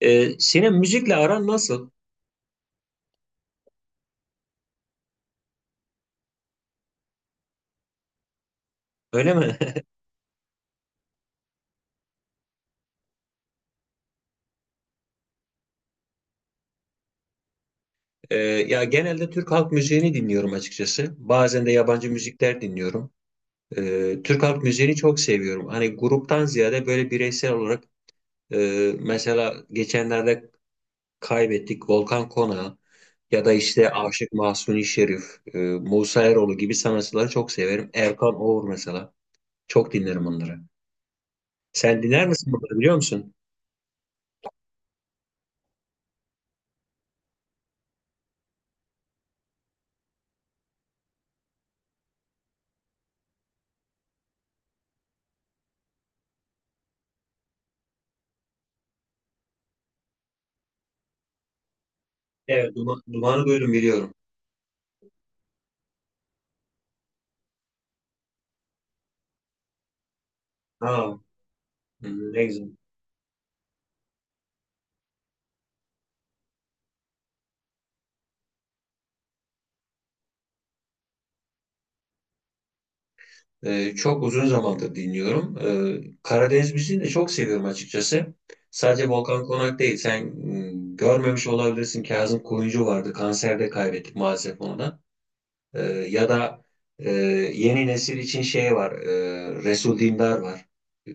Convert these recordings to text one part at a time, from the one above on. Sinem müzikle aran nasıl? Öyle mi? Ya genelde Türk halk müziğini dinliyorum açıkçası. Bazen de yabancı müzikler dinliyorum. Türk halk müziğini çok seviyorum. Hani gruptan ziyade böyle bireysel olarak mesela geçenlerde kaybettik Volkan Kona ya da işte Aşık Mahzuni Şerif, Musa Eroğlu gibi sanatçıları çok severim. Erkan Oğur mesela. Çok dinlerim onları. Sen dinler misin bunları biliyor musun? Evet, Duman'ı duydum biliyorum. Ha, hı, ne güzel. Çok uzun zamandır dinliyorum. Karadeniz müziğini de çok seviyorum açıkçası. Sadece Volkan Konak değil. Sen görmemiş olabilirsin. Kazım Koyuncu vardı. Kanserde kaybettik maalesef onu da. Ya da e, yeni nesil için şey var. Resul Dindar var.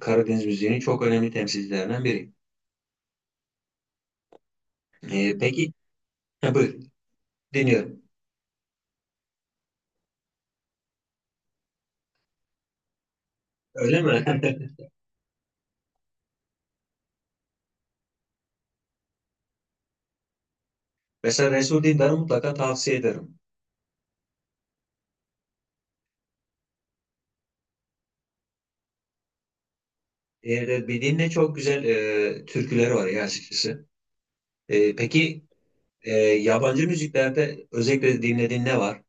Karadeniz müziğinin çok önemli temsilcilerinden biri. Peki, ha, buyur. Dinliyorum. Öyle mi? Mesela Resul Dindar'ı mutlaka tavsiye ederim. Bir dinle çok güzel türküleri var ya açıkçası. Peki. Yabancı müziklerde özellikle dinlediğin ne var?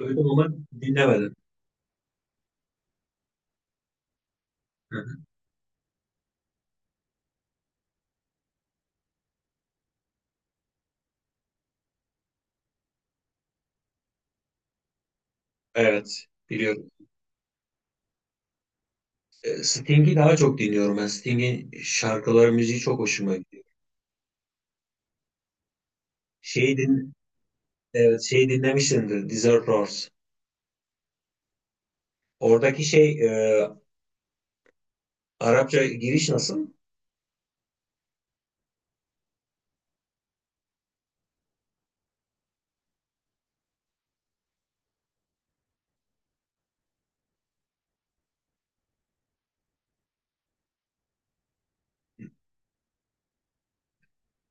Duydum ama dinlemedim. Hı hı. Evet, biliyorum. Sting'i daha çok dinliyorum ben. Sting'in şarkıları, müziği çok hoşuma gidiyor. Şeyi din, evet, şeyi dinlemişsindir, Desert Rose. Oradaki şey, e, Arapça giriş nasıl?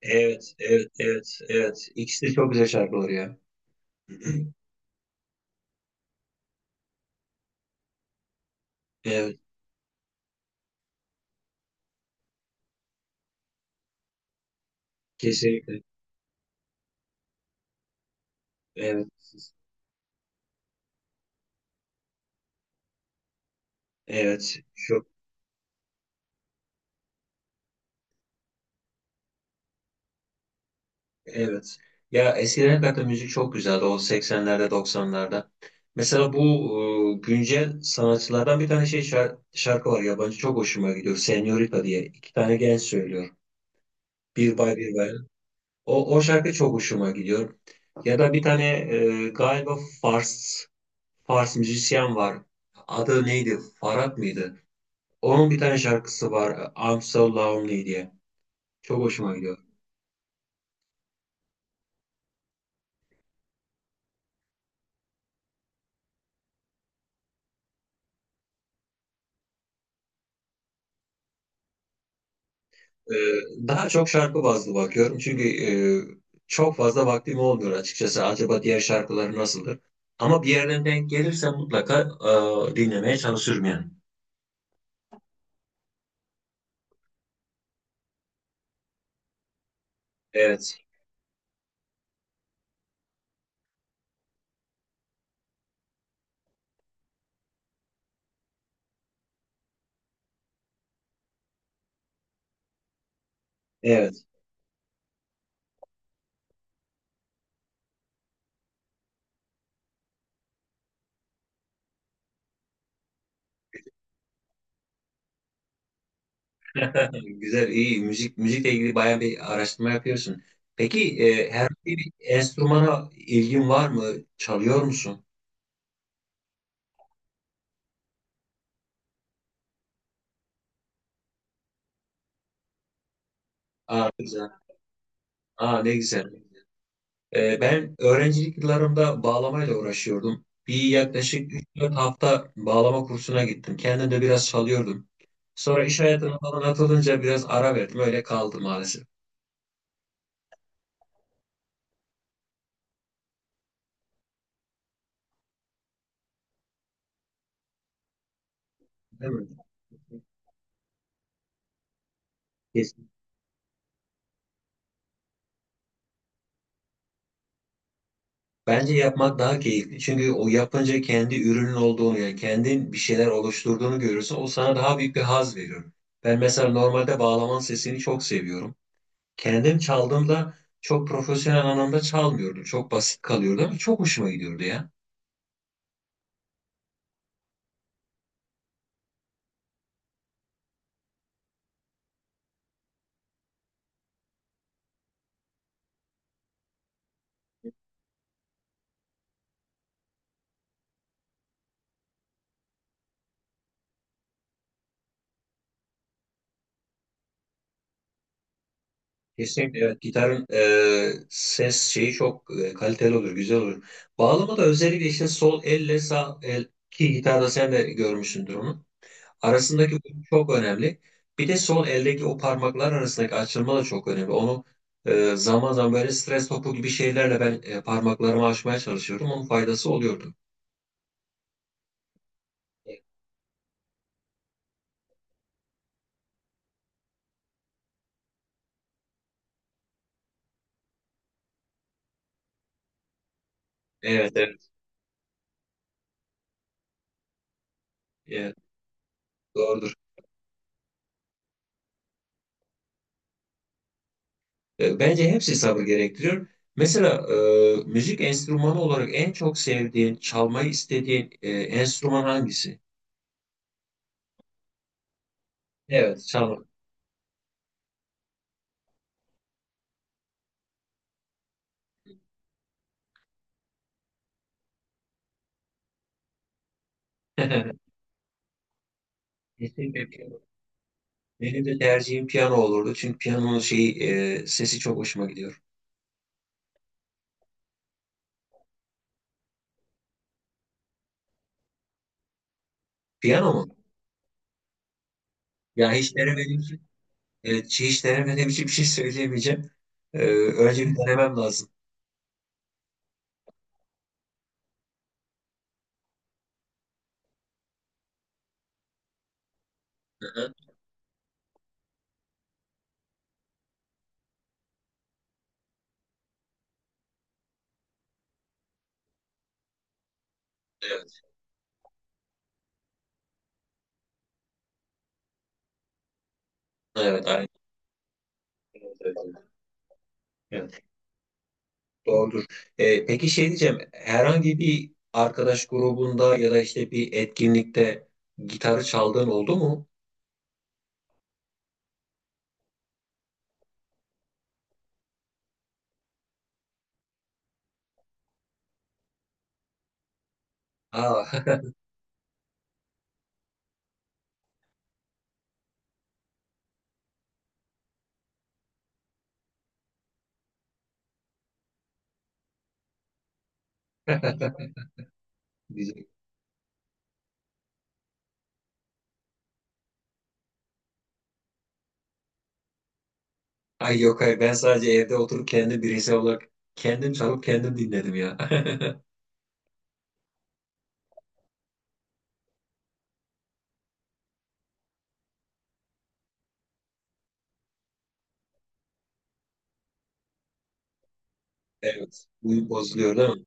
Evet, evet, evet, evet. İkisi de çok güzel şarkılar ya. Evet, kesinlikle. Evet, evet. Evet. Ya eskiden hakikaten müzik çok güzeldi o 80'lerde 90'larda. Mesela bu güncel sanatçılardan bir tane şey şarkı var yabancı çok hoşuma gidiyor. Señorita diye iki tane genç söylüyor. Bir bay bir bay. O şarkı çok hoşuma gidiyor. Ya da bir tane galiba Fars müzisyen var. Adı neydi? Farhat mıydı? Onun bir tane şarkısı var. I'm so lonely diye. Çok hoşuma gidiyor. Ee, Daha çok şarkı bazlı bakıyorum çünkü çok fazla vaktim olmuyor açıkçası. Acaba diğer şarkıları nasıldır? Ama bir yerden denk gelirse mutlaka dinlemeye çalışırım yani. Evet, evet. Güzel, iyi. Müzikle ilgili bayağı bir araştırma yapıyorsun. Peki herhangi bir enstrümana ilgin var mı? Çalıyor musun? Aa, güzel. Aa, ne güzel. Ben öğrencilik yıllarımda bağlamayla uğraşıyordum. Bir yaklaşık 3-4 hafta bağlama kursuna gittim. Kendim de biraz çalıyordum. Sonra iş hayatına falan atılınca biraz ara verdim. Öyle kaldı maalesef. Değil mi? Kesin. Bence yapmak daha keyifli. Çünkü o yapınca kendi ürünün olduğunu, yani kendin bir şeyler oluşturduğunu görürsün. O sana daha büyük bir haz veriyor. Ben mesela normalde bağlamanın sesini çok seviyorum. Kendim çaldığımda çok profesyonel anlamda çalmıyordum. Çok basit kalıyordu ama çok hoşuma gidiyordu ya. Kesinlikle, evet, gitarın ses şeyi çok kaliteli olur, güzel olur. Bağlama da özellikle işte sol elle sağ el ki gitarda sen de görmüşsündür onu. Arasındaki uyum çok önemli. Bir de sol eldeki o parmaklar arasındaki açılma da çok önemli. Onu zaman zaman böyle stres topu gibi şeylerle ben parmaklarımı açmaya çalışıyordum. Onun faydası oluyordu. Evet, evet, evet, doğrudur. Bence hepsi sabır gerektiriyor. Mesela müzik enstrümanı olarak en çok sevdiğin, çalmayı istediğin enstrüman hangisi? Evet, çalmak. Kesinlikle piyano. Benim de tercihim piyano olurdu. Çünkü piyanonun şeyi, sesi çok hoşuma gidiyor. Piyano mu? Ya hiç denemediğim için, evet, hiç denemediğim için bir şey söyleyemeyeceğim. Önce bir denemem lazım. Hı hı. Evet, evet, aynen. Evet, evet, evet. Doğrudur. Peki, şey diyeceğim, herhangi bir arkadaş grubunda ya da işte bir etkinlikte gitarı çaldığın oldu mu? Aa, diyecek. Ay yok hayır ben sadece evde oturup kendi bireysel olarak kendim çalıp kendim dinledim ya. Evet, bu bozuluyor değil mi?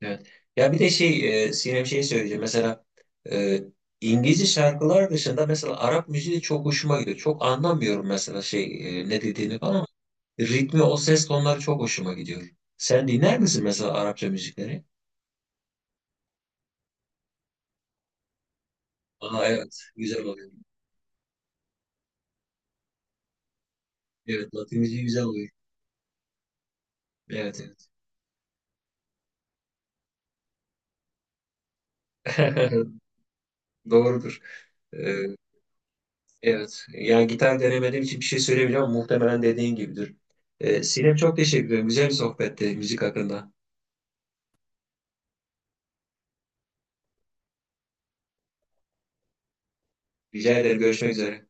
Evet. Ya bir de şey, Sinem şey söyleyeceğim. Mesela e, İngilizce şarkılar dışında mesela Arap müziği de çok hoşuma gidiyor. Çok anlamıyorum mesela şey ne dediğini falan. Ritmi, o ses tonları çok hoşuma gidiyor. Sen dinler misin mesela Arapça müzikleri? Aa evet, güzel oluyor. Evet, Latin müziği güzel oluyor. Evet, evet. Doğrudur. Ee, evet, yani gitar denemediğim için bir şey söyleyemeyeceğim ama muhtemelen dediğin gibidir. Sinem çok teşekkür ederim. Güzel bir sohbetti müzik hakkında. Rica ederim, görüşmek üzere.